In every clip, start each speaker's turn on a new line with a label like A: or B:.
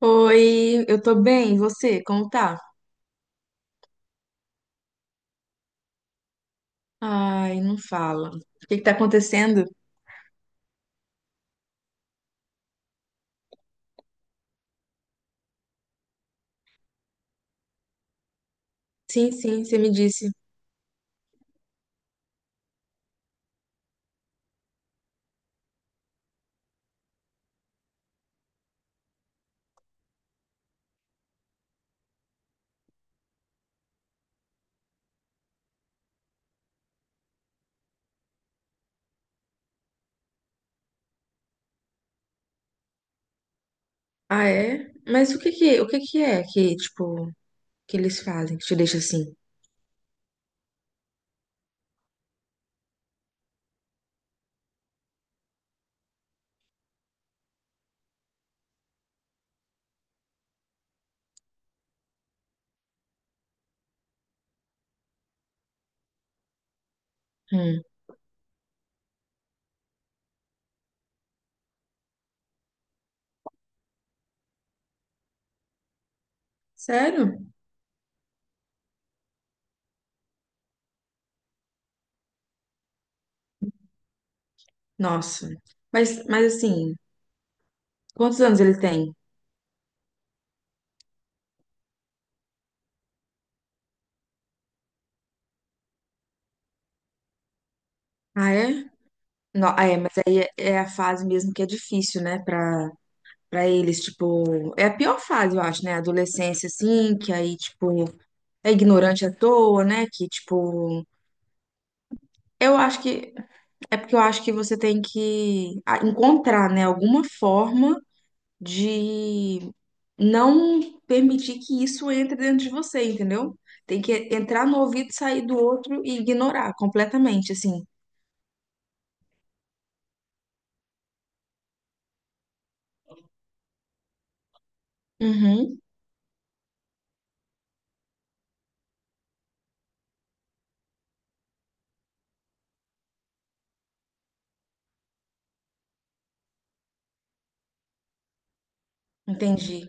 A: Oi, eu tô bem, e você? Como tá? Ai, não fala. O que que tá acontecendo? Sim, você me disse. Ah, é? Mas o que que, que eles fazem que te deixa assim? Hum, sério? Nossa. Mas assim, quantos anos ele tem? Ah, é? Não, ah, é, mas aí é a fase mesmo que é difícil, né, pra eles, tipo, é a pior fase, eu acho, né, a adolescência, assim, que aí, tipo, é ignorante à toa, né, que, tipo, eu acho que É porque eu acho que você tem que encontrar, né, alguma forma de não permitir que isso entre dentro de você, entendeu? Tem que entrar no ouvido, sair do outro e ignorar completamente, assim. Uhum, entendi.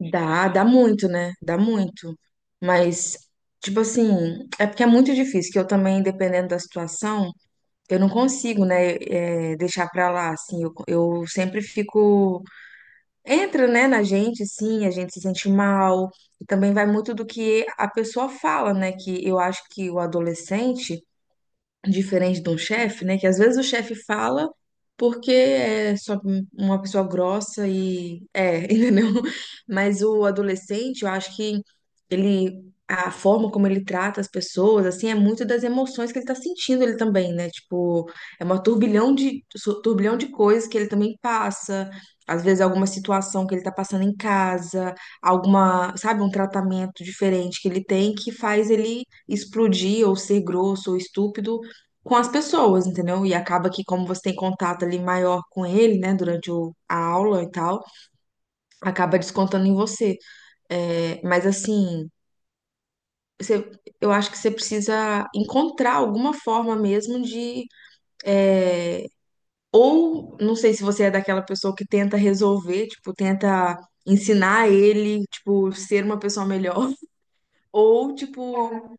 A: Dá, dá muito, né? Dá muito. Mas, tipo assim, é porque é muito difícil, que eu também, dependendo da situação, eu não consigo, né, deixar pra lá, assim. Eu sempre fico entra, né, na gente, sim, a gente se sente mal, e também vai muito do que a pessoa fala, né, que eu acho que o adolescente, diferente de um chefe, né? Que às vezes o chefe fala porque é só uma pessoa grossa e é, entendeu? Mas o adolescente, eu acho que ele a forma como ele trata as pessoas, assim, é muito das emoções que ele tá sentindo ele também, né? Tipo, é uma turbilhão turbilhão de coisas que ele também passa. Às vezes alguma situação que ele tá passando em casa, alguma, sabe, um tratamento diferente que ele tem que faz ele explodir ou ser grosso ou estúpido com as pessoas, entendeu? E acaba que, como você tem contato ali maior com ele, né, durante a aula e tal, acaba descontando em você. É, mas assim, você- eu acho que você precisa encontrar alguma forma mesmo de. É, ou, não sei se você é daquela pessoa que tenta resolver, tipo, tenta ensinar ele, tipo, ser uma pessoa melhor, ou tipo.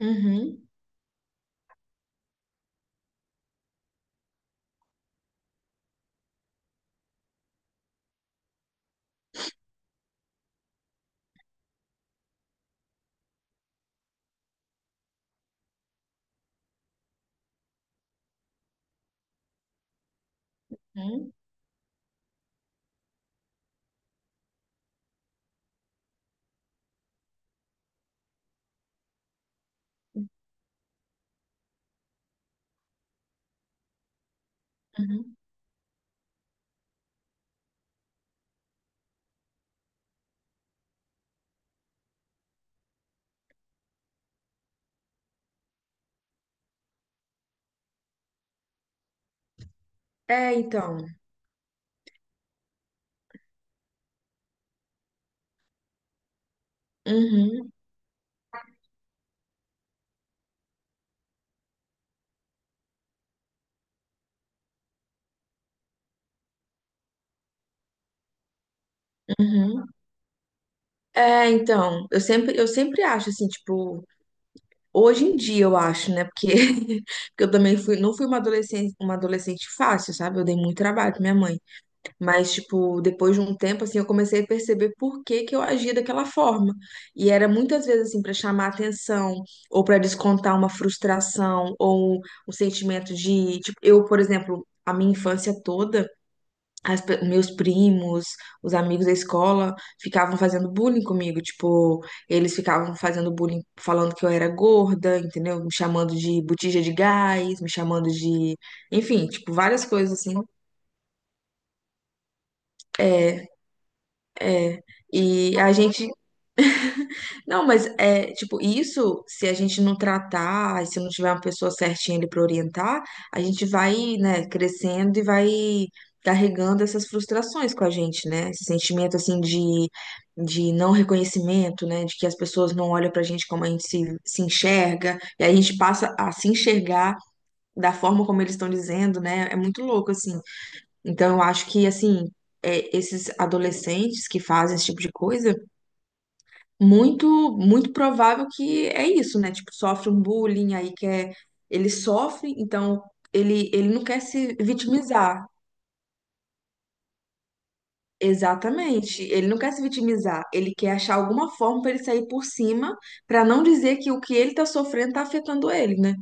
A: Uhum, uhum, uhum. É, então. Uhum, uhum. É, então, eu sempre acho assim, tipo, hoje em dia eu acho, né? Porque, porque não fui uma adolescente fácil, sabe? Eu dei muito trabalho pra minha mãe. Mas, tipo, depois de um tempo, assim, eu comecei a perceber por que que eu agia daquela forma. E era muitas vezes, assim, pra chamar atenção, ou pra descontar uma frustração, ou um sentimento de, tipo, eu, por exemplo, a minha infância toda meus primos, os amigos da escola ficavam fazendo bullying comigo, tipo, eles ficavam fazendo bullying falando que eu era gorda, entendeu? Me chamando de botija de gás, me chamando de, enfim, tipo, várias coisas assim. É, é. E a gente... Não, mas é, tipo, isso, se a gente não tratar, se não tiver uma pessoa certinha ali para orientar, a gente vai, né, crescendo e vai carregando essas frustrações com a gente, né? Esse sentimento, assim, de não reconhecimento, né? De que as pessoas não olham pra gente como a gente se enxerga, e aí a gente passa a se enxergar da forma como eles estão dizendo, né? É muito louco, assim. Então, eu acho que, assim, é, esses adolescentes que fazem esse tipo de coisa muito muito provável que é isso, né? Tipo, sofre um bullying aí quer... ele sofre, então ele não quer se vitimizar. Exatamente. Ele não quer se vitimizar, ele quer achar alguma forma para ele sair por cima, para não dizer que o que ele tá sofrendo tá afetando ele, né?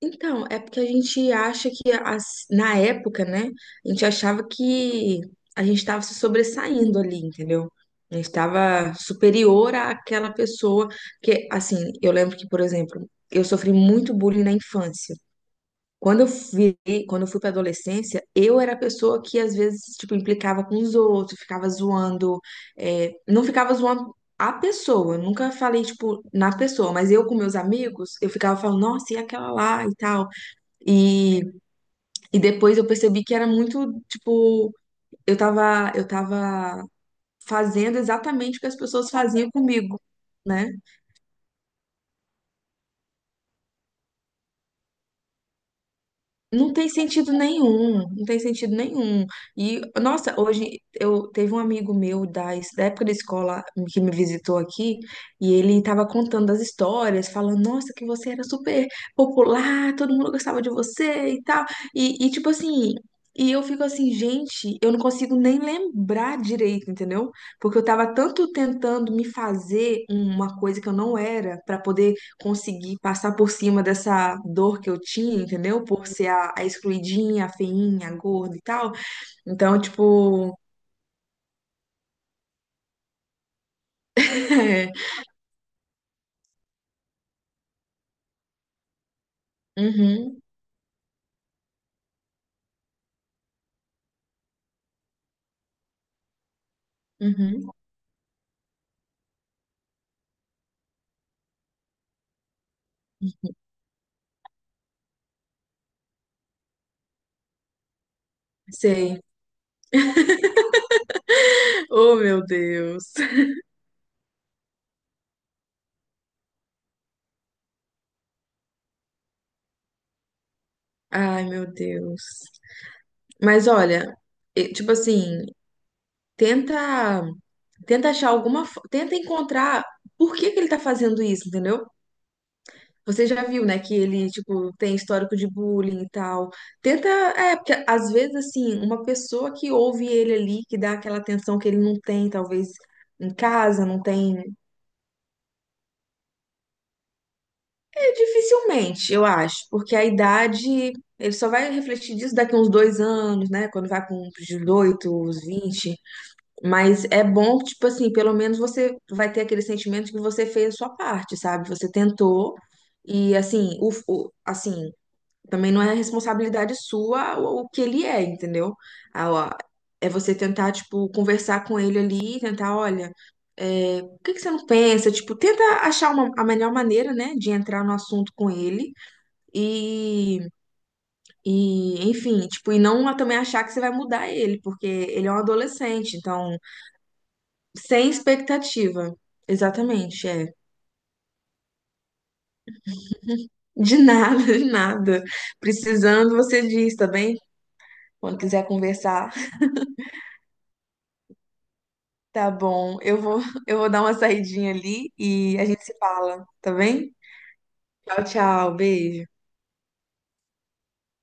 A: Então, é porque a gente acha que na época, né, a gente achava que a gente estava se sobressaindo ali, entendeu? A gente estava superior àquela pessoa que, assim, eu lembro que, por exemplo, eu sofri muito bullying na infância. Quando eu fui, quando eu fui para adolescência, eu era a pessoa que às vezes, tipo, implicava com os outros, ficava zoando, é, não ficava zoando a pessoa, eu nunca falei, tipo, na pessoa, mas eu com meus amigos, eu ficava falando, nossa, e aquela lá e tal. E, e depois eu percebi que era muito, tipo, eu tava fazendo exatamente o que as pessoas faziam comigo, né? Não tem sentido nenhum, não tem sentido nenhum. E, nossa, hoje eu teve um amigo meu da época da escola que me visitou aqui, e ele tava contando as histórias, falando, nossa, que você era super popular, todo mundo gostava de você e tal. E tipo assim, e eu fico assim, gente, eu não consigo nem lembrar direito, entendeu? Porque eu tava tanto tentando me fazer uma coisa que eu não era, pra poder conseguir passar por cima dessa dor que eu tinha, entendeu? Por ser a excluidinha, a feinha, a gorda e tal. Então, tipo. É, uhum, uhum, sei. Oh, meu Deus. Ai, meu Deus. Mas olha, tipo assim, tenta. Tenta achar alguma. Tenta encontrar por que que ele tá fazendo isso, entendeu? Você já viu, né, que ele, tipo, tem histórico de bullying e tal. Tenta, é, porque às vezes, assim, uma pessoa que ouve ele ali, que dá aquela atenção que ele não tem, talvez em casa, não tem. É, dificilmente, eu acho, porque a idade, ele só vai refletir disso daqui a uns 2 anos, né, quando vai com uns 18 uns 20. Mas é bom, tipo assim, pelo menos você vai ter aquele sentimento de que você fez a sua parte, sabe? Você tentou. E assim, assim, também não é responsabilidade sua o que ele é, entendeu? Ah, ó, é você tentar, tipo, conversar com ele ali, tentar, olha, é, por que que você não pensa? Tipo, tenta achar a melhor maneira, né, de entrar no assunto com ele e, e, enfim, tipo, e não também achar que você vai mudar ele, porque ele é um adolescente, então, sem expectativa. Exatamente, é. De nada, de nada. Precisando, você diz, tá bem? Quando quiser conversar. Tá bom. Eu vou, eu vou dar uma saidinha ali e a gente se fala, tá bem? Tchau, tchau. Beijo.